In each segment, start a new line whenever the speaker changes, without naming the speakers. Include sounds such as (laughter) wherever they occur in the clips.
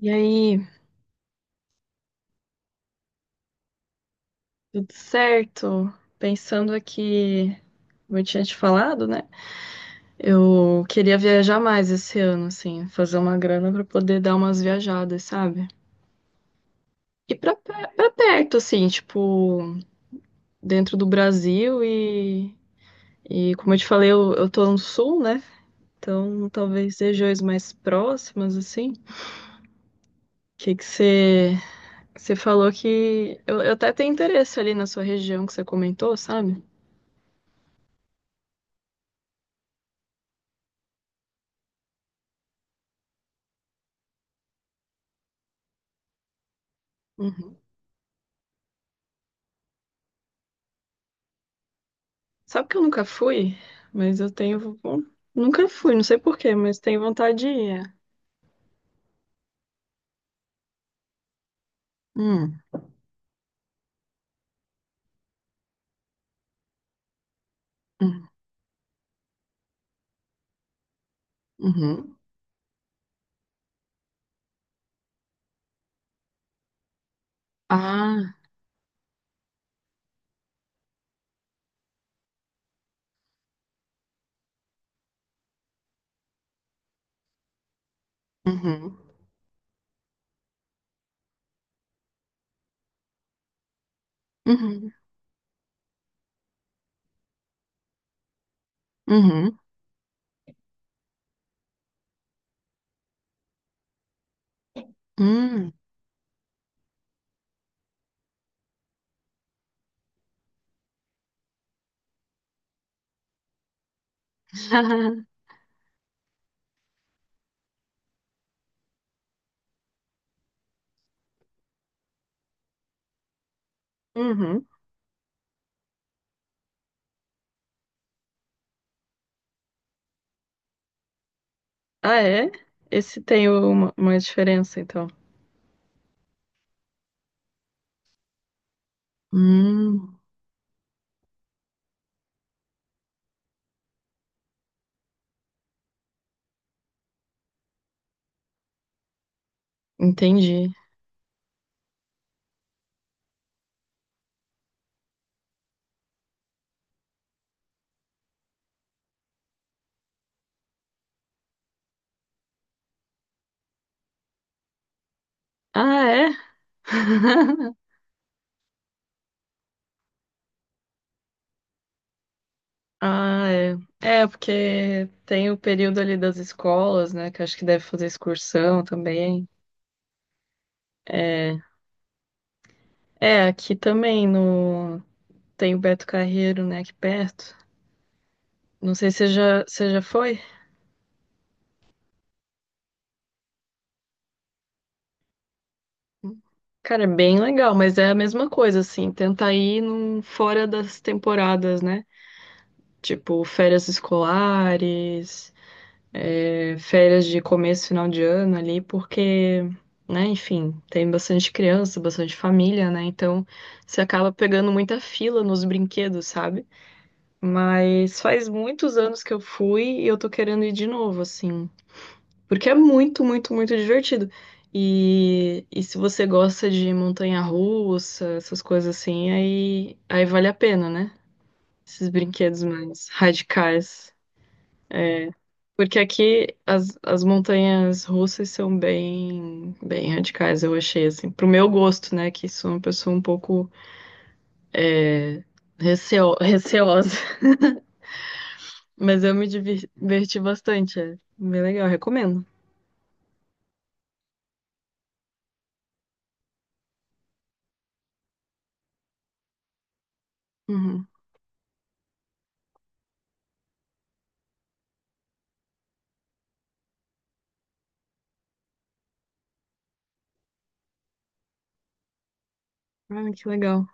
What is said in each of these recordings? E aí, tudo certo? Pensando aqui, como eu tinha te falado, né? Eu queria viajar mais esse ano, assim, fazer uma grana pra poder dar umas viajadas, sabe? E pra perto, assim, tipo, dentro do Brasil e como eu te falei, eu tô no sul, né? Então, talvez regiões mais próximas, assim. O que que você, você falou que eu até tenho interesse ali na sua região que você comentou, sabe? Uhum. Sabe que eu nunca fui? Mas eu tenho. Nunca fui, não sei por quê, mas tenho vontade de ir. Hum, hum, uhum. Ah, uhum, uhum, uhum, hum. (laughs) Uhum. Ah, é? Esse tem uma diferença, então. Hum, entendi. Ah, é? (laughs) Ah, é. É, porque tem o período ali das escolas, né? Que acho que deve fazer excursão também. É, é aqui também no. Tem o Beto Carreiro, né, aqui perto. Não sei se você já foi. Cara, é bem legal, mas é a mesma coisa, assim. Tenta ir num, fora das temporadas, né? Tipo, férias escolares, é, férias de começo, final de ano ali, porque, né, enfim, tem bastante criança, bastante família, né? Então, você acaba pegando muita fila nos brinquedos, sabe? Mas faz muitos anos que eu fui e eu tô querendo ir de novo, assim. Porque é muito, muito, muito divertido. E se você gosta de montanha-russa, essas coisas assim, aí vale a pena, né? Esses brinquedos mais radicais. Porque aqui as montanhas russas são bem, bem radicais, eu achei, assim. Pro meu gosto, né? Que sou uma pessoa um pouco receosa. (laughs) Mas eu diverti bastante. É bem legal, recomendo. Uhum. Ah, que legal.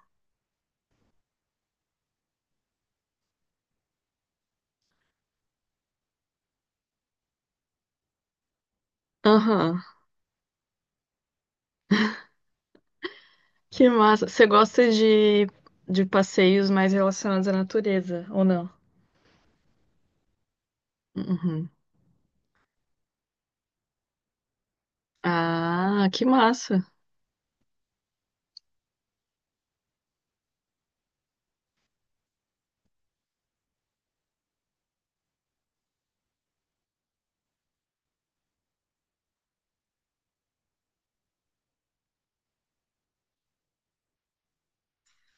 Aham. Que massa. Você gosta de passeios mais relacionados à natureza, ou não? Uhum. Ah, que massa.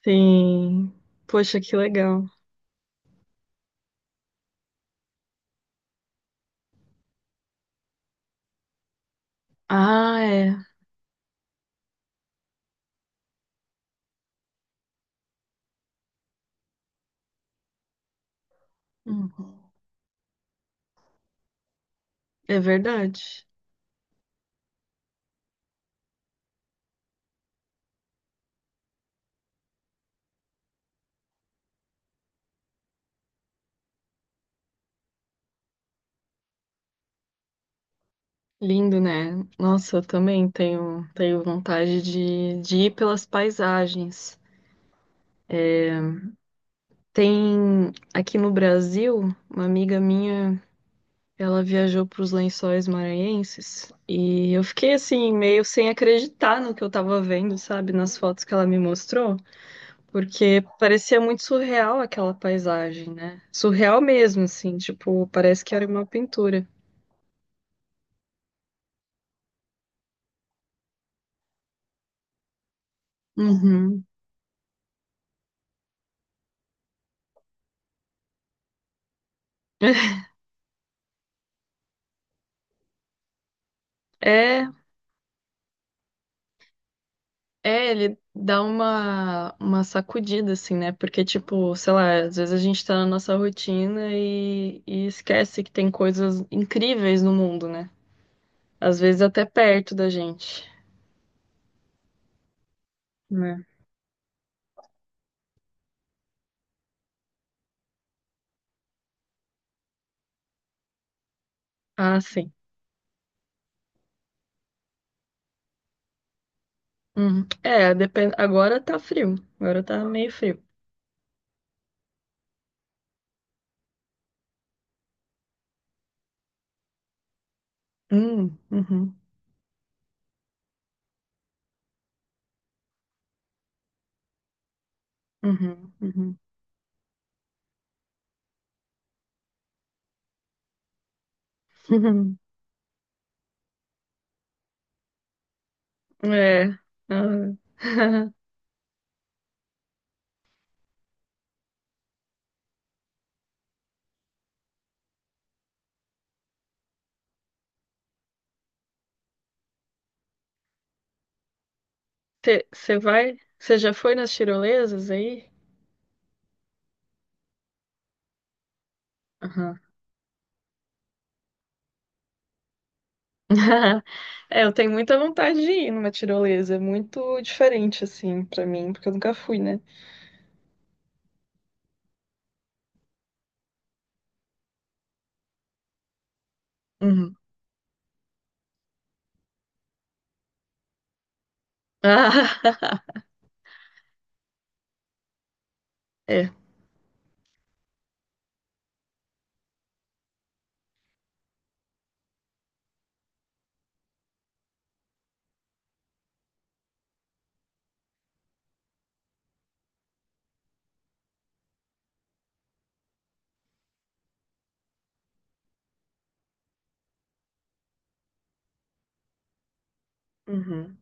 Sim. Poxa, que legal. Ah, é. Uhum. É verdade. Lindo, né? Nossa, eu também tenho vontade de ir pelas paisagens. Tem aqui no Brasil uma amiga minha. Ela viajou para os Lençóis Maranhenses e eu fiquei assim meio sem acreditar no que eu tava vendo, sabe, nas fotos que ela me mostrou, porque parecia muito surreal aquela paisagem, né? Surreal mesmo, assim, tipo, parece que era uma pintura. Uhum. (laughs) É, é, ele dá uma sacudida, assim, né? Porque, tipo, sei lá, às vezes a gente tá na nossa rotina e esquece que tem coisas incríveis no mundo, né? Às vezes até perto da gente. Né? Ah, sim. Uhum. É, depende. Agora tá frio. Agora tá meio frio. Hum, uhum, uhum, uhum. (laughs) É. Você (laughs) vai? Você já foi nas tirolesas aí? Aham. (laughs) É, eu tenho muita vontade de ir numa tirolesa. É muito diferente, assim, pra mim, porque eu nunca fui, né? Uhum. (laughs) Ah, é. Uhum.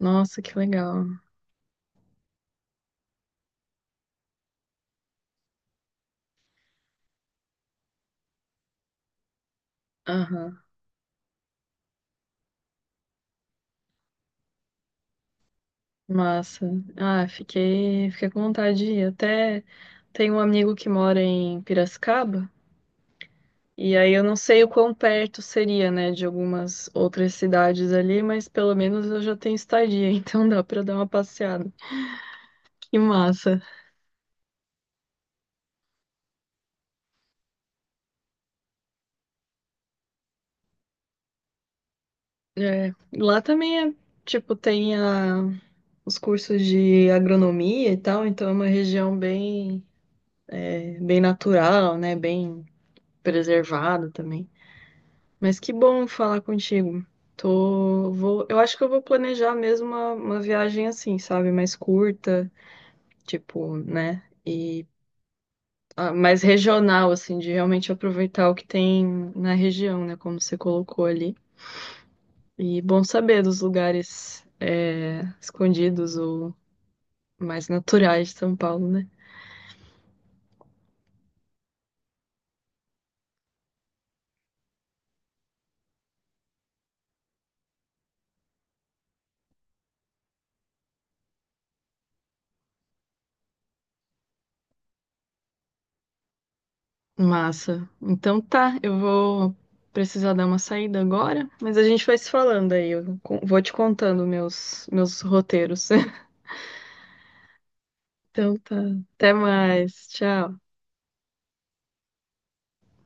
Nossa, que legal. Aham. Massa. Ah, fiquei com vontade de ir. Até tem um amigo que mora em Piracicaba, e aí eu não sei o quão perto seria, né, de algumas outras cidades ali, mas pelo menos eu já tenho estadia, (laughs) então dá pra dar uma passeada. Que massa. É, lá também é, tipo, tem a, os cursos de agronomia e tal, então é uma região bem, é, bem natural, né, bem preservada também. Mas que bom falar contigo. Eu acho que eu vou planejar mesmo uma viagem assim, sabe? Mais curta, tipo, né? E ah, mais regional, assim, de realmente aproveitar o que tem na região, né? Como você colocou ali. E bom saber dos lugares é, escondidos ou mais naturais de São Paulo, né? Massa. Então tá, eu vou precisar dar uma saída agora, mas a gente vai se falando aí. Vou te contando meus roteiros. (laughs) Então tá. Até mais. Tchau.